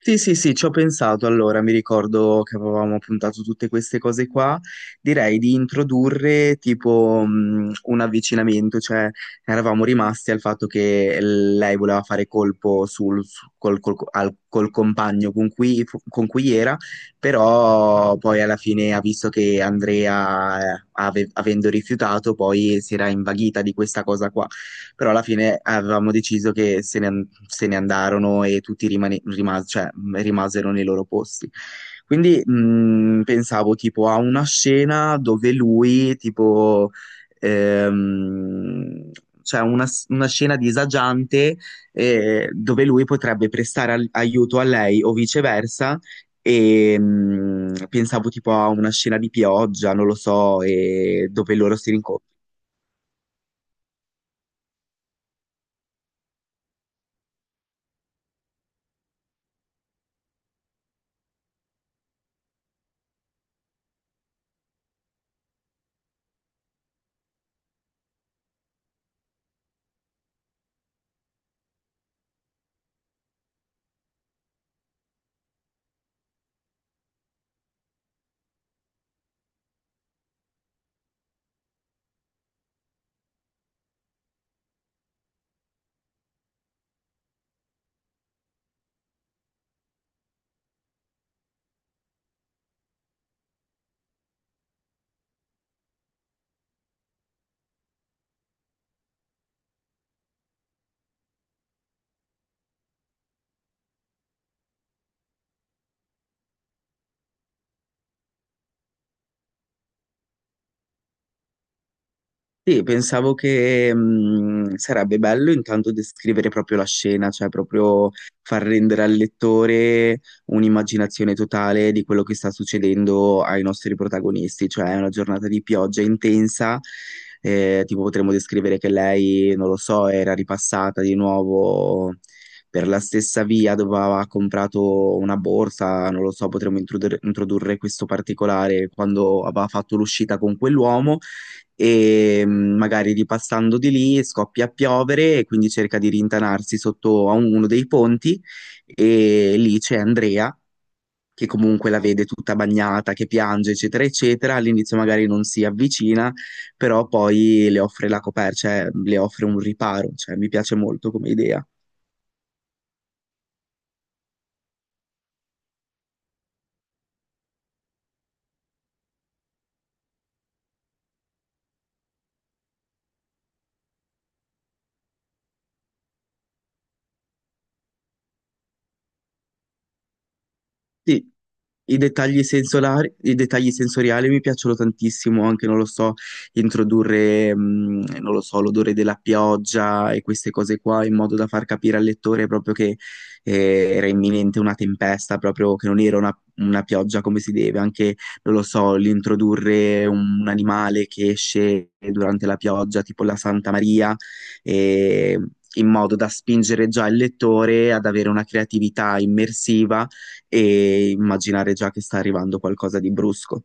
Sì, sì, sì, ci ho pensato. Allora, mi ricordo che avevamo puntato tutte queste cose qua, direi di introdurre tipo un avvicinamento, cioè eravamo rimasti al fatto che lei voleva fare colpo sul, su- col, col- al- col compagno con cui era, però poi alla fine ha visto che Andrea, avendo rifiutato, poi si era invaghita di questa cosa qua. Però alla fine avevamo deciso che se ne andarono e tutti rimasero nei loro posti. Quindi pensavo tipo a una scena dove lui, tipo, ehm, cioè una scena disagiante, dove lui potrebbe prestare aiuto a lei o viceversa. E pensavo tipo a una scena di pioggia, non lo so, e dove loro si rincontrano. Sì, pensavo che sarebbe bello intanto descrivere proprio la scena, cioè proprio far rendere al lettore un'immaginazione totale di quello che sta succedendo ai nostri protagonisti, cioè è una giornata di pioggia intensa, tipo potremmo descrivere che lei, non lo so, era ripassata di nuovo per la stessa via dove aveva comprato una borsa, non lo so, potremmo introdurre questo particolare quando aveva fatto l'uscita con quell'uomo. E magari ripassando di lì scoppia a piovere e quindi cerca di rintanarsi sotto a uno dei ponti, e lì c'è Andrea che comunque la vede tutta bagnata, che piange, eccetera, eccetera. All'inizio magari non si avvicina, però poi le offre la coperta, cioè le offre un riparo, cioè mi piace molto come idea. Sì, i dettagli sensolari, i dettagli sensoriali mi piacciono tantissimo, anche non lo so, introdurre, non lo so, l'odore della pioggia e queste cose qua in modo da far capire al lettore proprio che era imminente una tempesta, proprio che non era una pioggia come si deve, anche, non lo so, l'introdurre un animale che esce durante la pioggia, tipo la Santa Maria, eh, in modo da spingere già il lettore ad avere una creatività immersiva e immaginare già che sta arrivando qualcosa di brusco.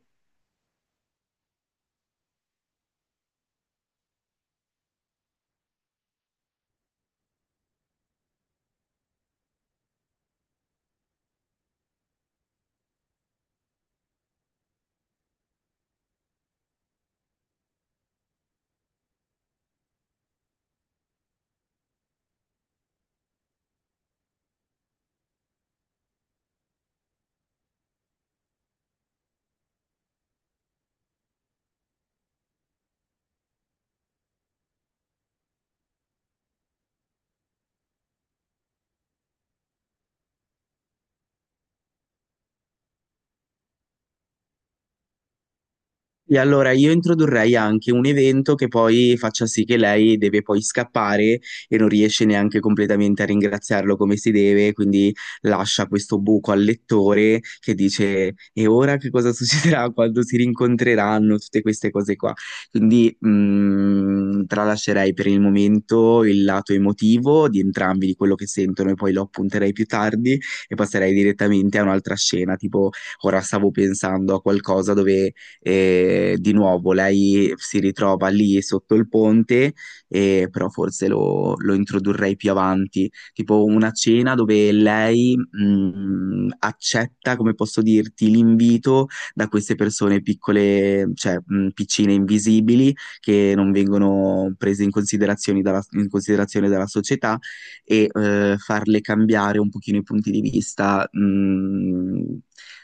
E allora io introdurrei anche un evento che poi faccia sì che lei deve poi scappare e non riesce neanche completamente a ringraziarlo come si deve, quindi lascia questo buco al lettore che dice e ora che cosa succederà quando si rincontreranno, tutte queste cose qua. Quindi tralascerei per il momento il lato emotivo di entrambi, di quello che sentono e poi lo appunterei più tardi e passerei direttamente a un'altra scena, tipo ora stavo pensando a qualcosa dove e di nuovo lei si ritrova lì sotto il ponte, e però forse lo introdurrei più avanti, tipo una cena dove lei accetta, come posso dirti, l'invito da queste persone piccole, cioè piccine invisibili, che non vengono prese in considerazione dalla società, e farle cambiare un pochino i punti di vista, mh,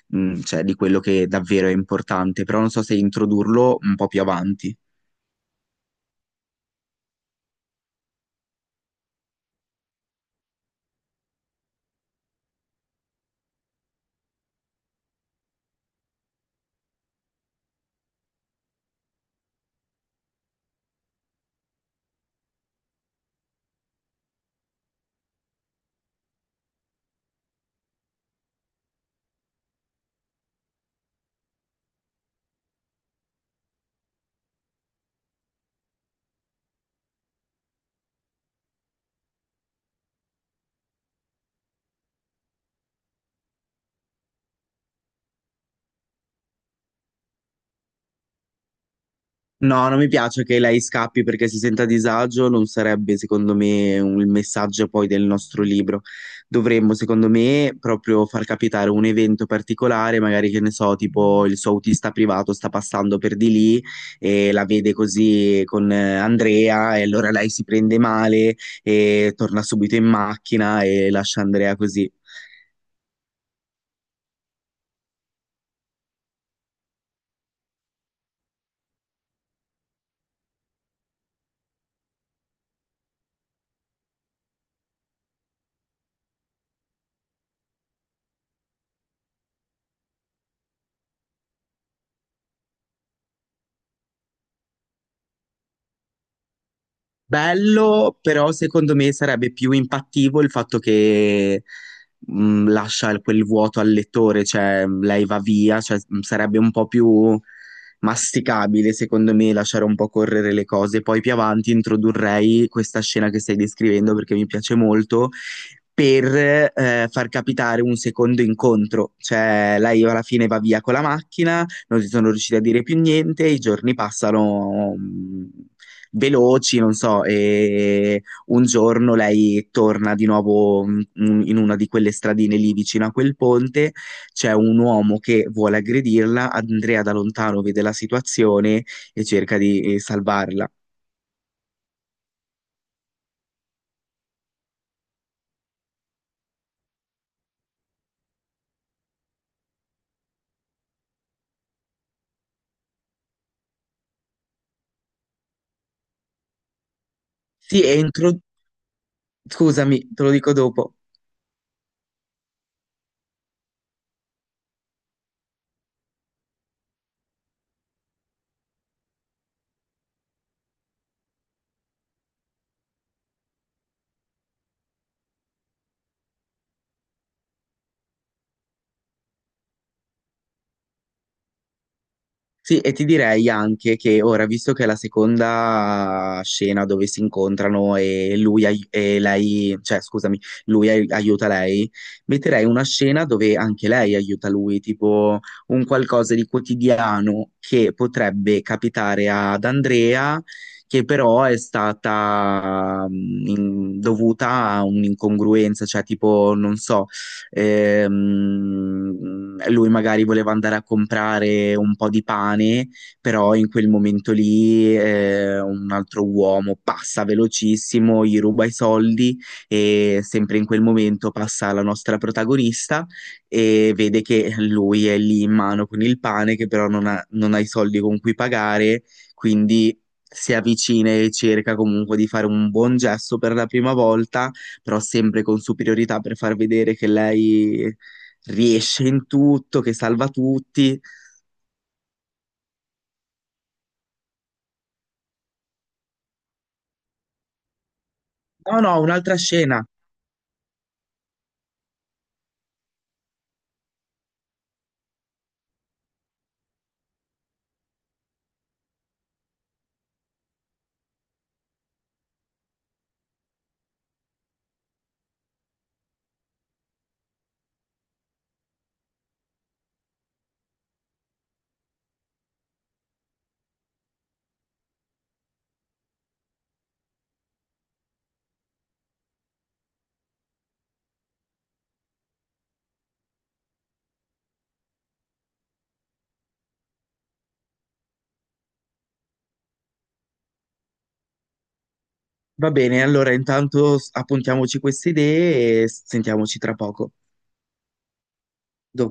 mh, cioè di quello che davvero è importante, però non so se introdurlo un po' più avanti. No, non mi piace che lei scappi perché si senta a disagio, non sarebbe secondo me il messaggio poi del nostro libro. Dovremmo, secondo me, proprio far capitare un evento particolare, magari che ne so, tipo il suo autista privato sta passando per di lì e la vede così con Andrea e allora lei si prende male e torna subito in macchina e lascia Andrea così. Bello, però secondo me sarebbe più impattivo il fatto che lascia quel vuoto al lettore, cioè lei va via, cioè, sarebbe un po' più masticabile secondo me lasciare un po' correre le cose. Poi più avanti introdurrei questa scena che stai descrivendo perché mi piace molto per far capitare un secondo incontro, cioè lei alla fine va via con la macchina, non si sono riusciti a dire più niente, i giorni passano veloci, non so, e un giorno lei torna di nuovo in una di quelle stradine lì vicino a quel ponte, c'è un uomo che vuole aggredirla, Andrea da lontano vede la situazione e cerca di salvarla. Sì, e scusami, te lo dico dopo. Sì, e ti direi anche che ora, visto che è la seconda scena dove si incontrano e lui ai- e lei, cioè scusami, aiuta lei, metterei una scena dove anche lei aiuta lui, tipo un qualcosa di quotidiano che potrebbe capitare ad Andrea, che però è stata dovuta a un'incongruenza, cioè tipo, non so. Ehm, Lui magari voleva andare a comprare un po' di pane, però in quel momento lì un altro uomo passa velocissimo, gli ruba i soldi e sempre in quel momento passa la nostra protagonista e vede che lui è lì in mano con il pane, che però non ha i soldi con cui pagare, quindi si avvicina e cerca comunque di fare un buon gesto per la prima volta però sempre con superiorità per far vedere che lei riesce in tutto, che salva tutti. No, no, un'altra scena. Va bene, allora intanto appuntiamoci queste idee e sentiamoci tra poco.